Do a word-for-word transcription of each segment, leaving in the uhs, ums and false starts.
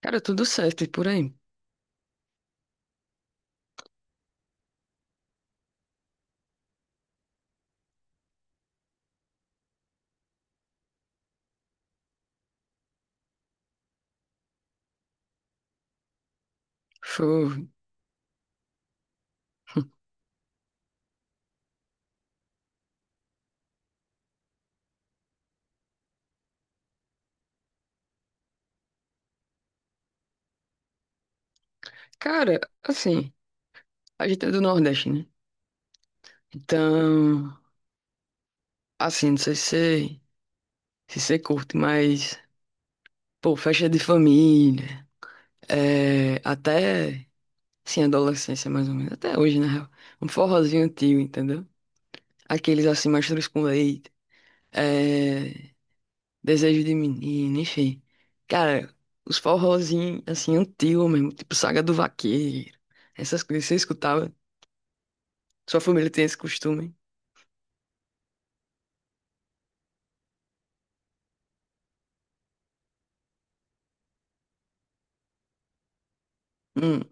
Cara, tudo certo e por aí. Show. Cara, assim, a gente é do Nordeste, né? Então, assim, não sei se você, se você curte, mas, pô, festa de família, é, até, assim, adolescência mais ou menos, até hoje, na real. Um forrozinho antigo, entendeu? Aqueles, assim, mastros com leite, é, desejo de menino, enfim. Cara, os forrozinhos, assim, antigos mesmo, tipo Saga do Vaqueiro, essas coisas, você escutava? Sua família tem esse costume? Hum.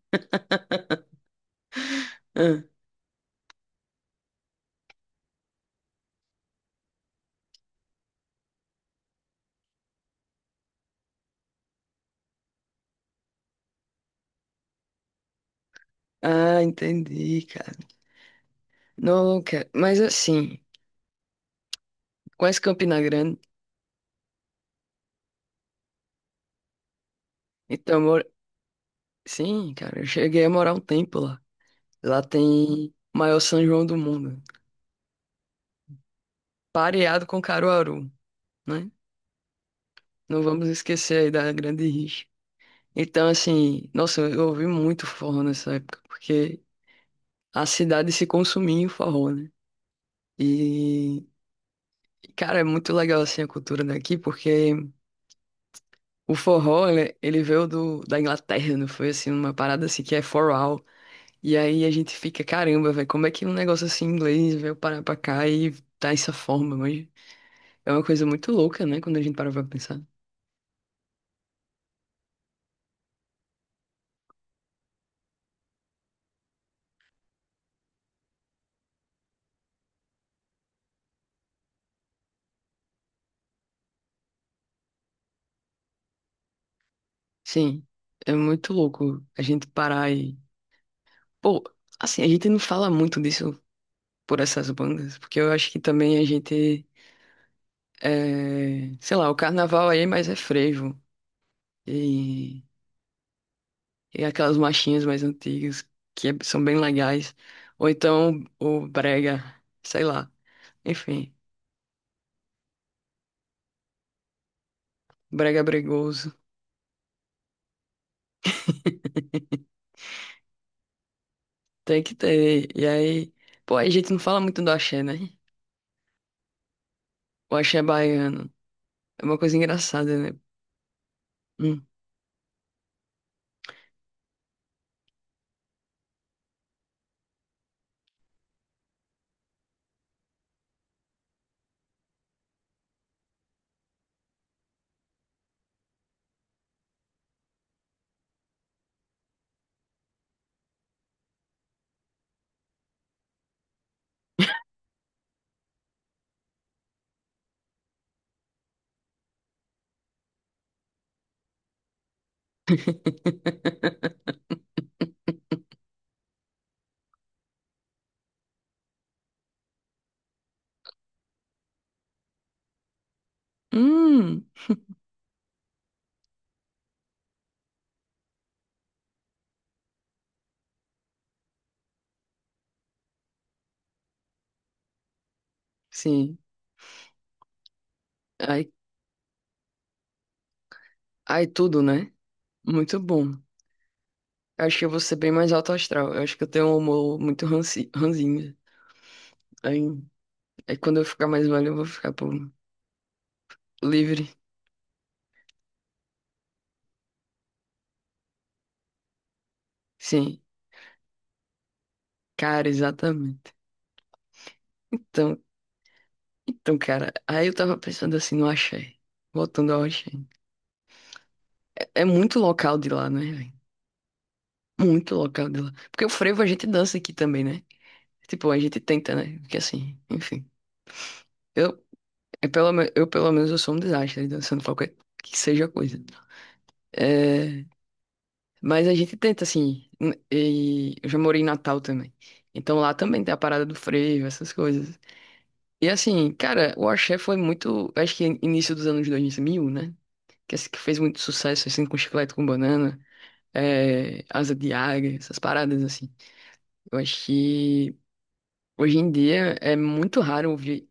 Ah, entendi, cara. Não, cara, mas assim, conhece Campina Grande? Então, eu moro... sim, cara, eu cheguei a morar um tempo lá. Lá tem o maior São João do mundo, pareado com Caruaru, né? Não vamos esquecer aí da Grande Rixa. Então, assim, nossa, eu ouvi muito forró nessa época, porque a cidade se consumia em forró, né? E, cara, é muito legal assim a cultura daqui, porque o forró, ele, ele veio do, da Inglaterra, não foi assim, uma parada assim que é for all. E aí a gente fica, caramba, velho, como é que um negócio assim em inglês veio parar pra cá e tá essa forma? Mas é uma coisa muito louca, né, quando a gente para pra pensar. Sim, é muito louco a gente parar e. Pô, assim, a gente não fala muito disso por essas bandas, porque eu acho que também a gente. É... Sei lá, o carnaval aí é mais é frevo. E E aquelas marchinhas mais antigas, que é- são bem legais. Ou então o brega, sei lá. Enfim, brega é bregoso. Tem que ter. E aí, pô, a gente não fala muito do axé, né? O axé baiano. É uma coisa engraçada, né? Hum. Hum, sim. Aí, aí tudo, né? Muito bom. Eu acho que eu vou ser bem mais alto astral. Eu acho que eu tenho um humor muito ranci, ranzinho. Aí, aí quando eu ficar mais velho, eu vou ficar, pô, livre. Sim. Cara, exatamente. Então, então, cara, aí eu tava pensando assim no axé. Voltando ao axé. É muito local de lá, né, velho? Muito local de lá. Porque o frevo a gente dança aqui também, né? Tipo, a gente tenta, né? Porque assim, enfim. Eu, é pelo, me- eu pelo menos eu sou um desastre dançando qualquer que seja a coisa. É, mas a gente tenta, assim. n- E eu já morei em Natal também. Então lá também tem a parada do frevo, essas coisas. E assim, cara, o axé foi muito, acho que início dos anos dois mil, né? Que é esse que fez muito sucesso, assim, com chiclete com banana, é, asa de águia, essas paradas, assim. Eu acho que hoje em dia é muito raro ouvir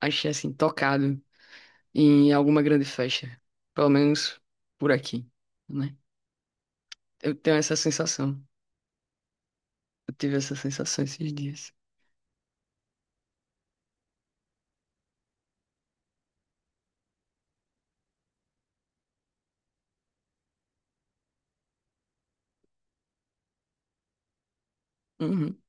axé, assim, tocado em alguma grande festa. Pelo menos por aqui, né? Eu tenho essa sensação. Eu tive essa sensação esses dias. Uhum.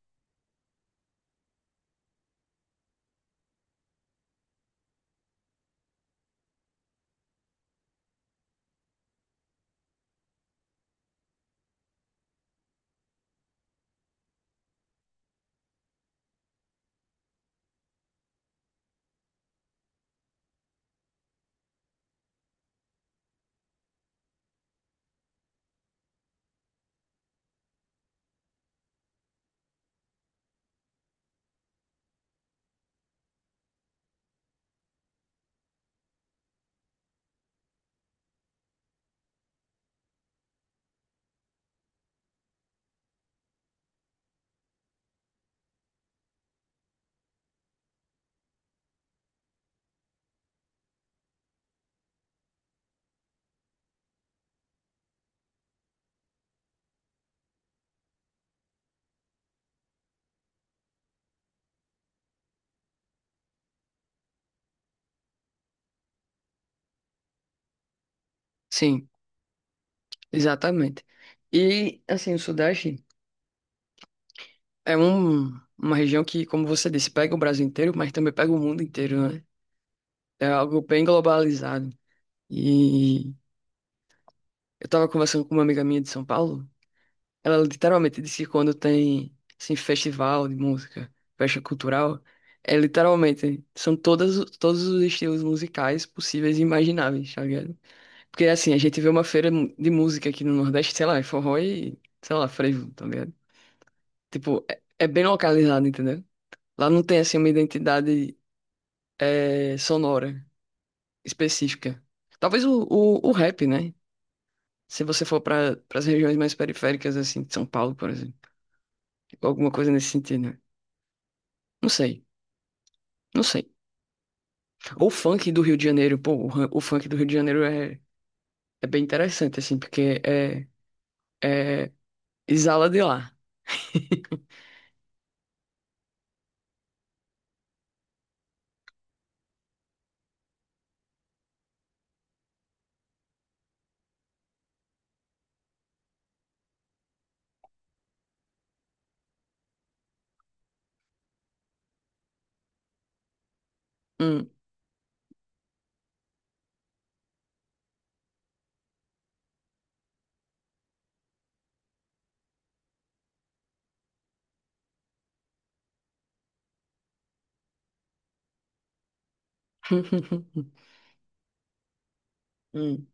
Sim, exatamente. E, assim, o Sudeste é um, uma região que, como você disse, pega o Brasil inteiro, mas também pega o mundo inteiro, né? É algo bem globalizado. E eu tava conversando com uma amiga minha de São Paulo. Ela literalmente disse que quando tem, assim, festival de música, festa cultural, é literalmente, são todas, todos os estilos musicais possíveis e imagináveis, tá ligado? Porque, assim, a gente vê uma feira mu- de música aqui no Nordeste, sei lá, é forró e, sei lá, frevo, tá ligado? Tipo, é, é bem localizado, entendeu? Lá não tem, assim, uma identidade é, sonora específica. Talvez o, o, o rap, né? Se você for para as regiões mais periféricas, assim, de São Paulo, por exemplo. Alguma coisa nesse sentido, né? Não sei, não sei. Ou funk do Rio de Janeiro, pô, o, ran- o funk do Rio de Janeiro é, é bem interessante, assim, porque é, é, exala de lá. Hum. Hum.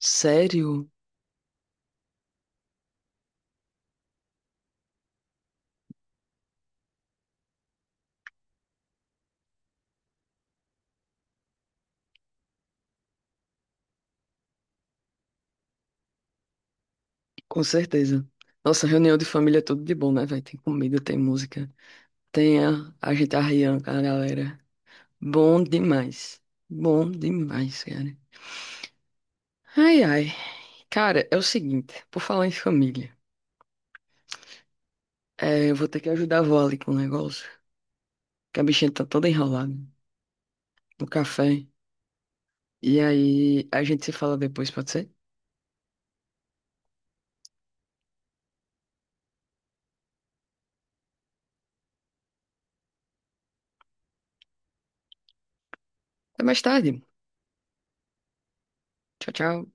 Sério? Com certeza. Nossa, reunião de família é tudo de bom, né, velho? Tem comida, tem música, tem a, a gente arriando com a galera. Bom demais. Bom demais, cara. Ai, ai. Cara, é o seguinte, por falar em família, é, eu vou ter que ajudar a vó ali com o negócio, que a bichinha tá toda enrolada no café. E aí a gente se fala depois, pode ser? Até mais tarde. Tchau, tchau.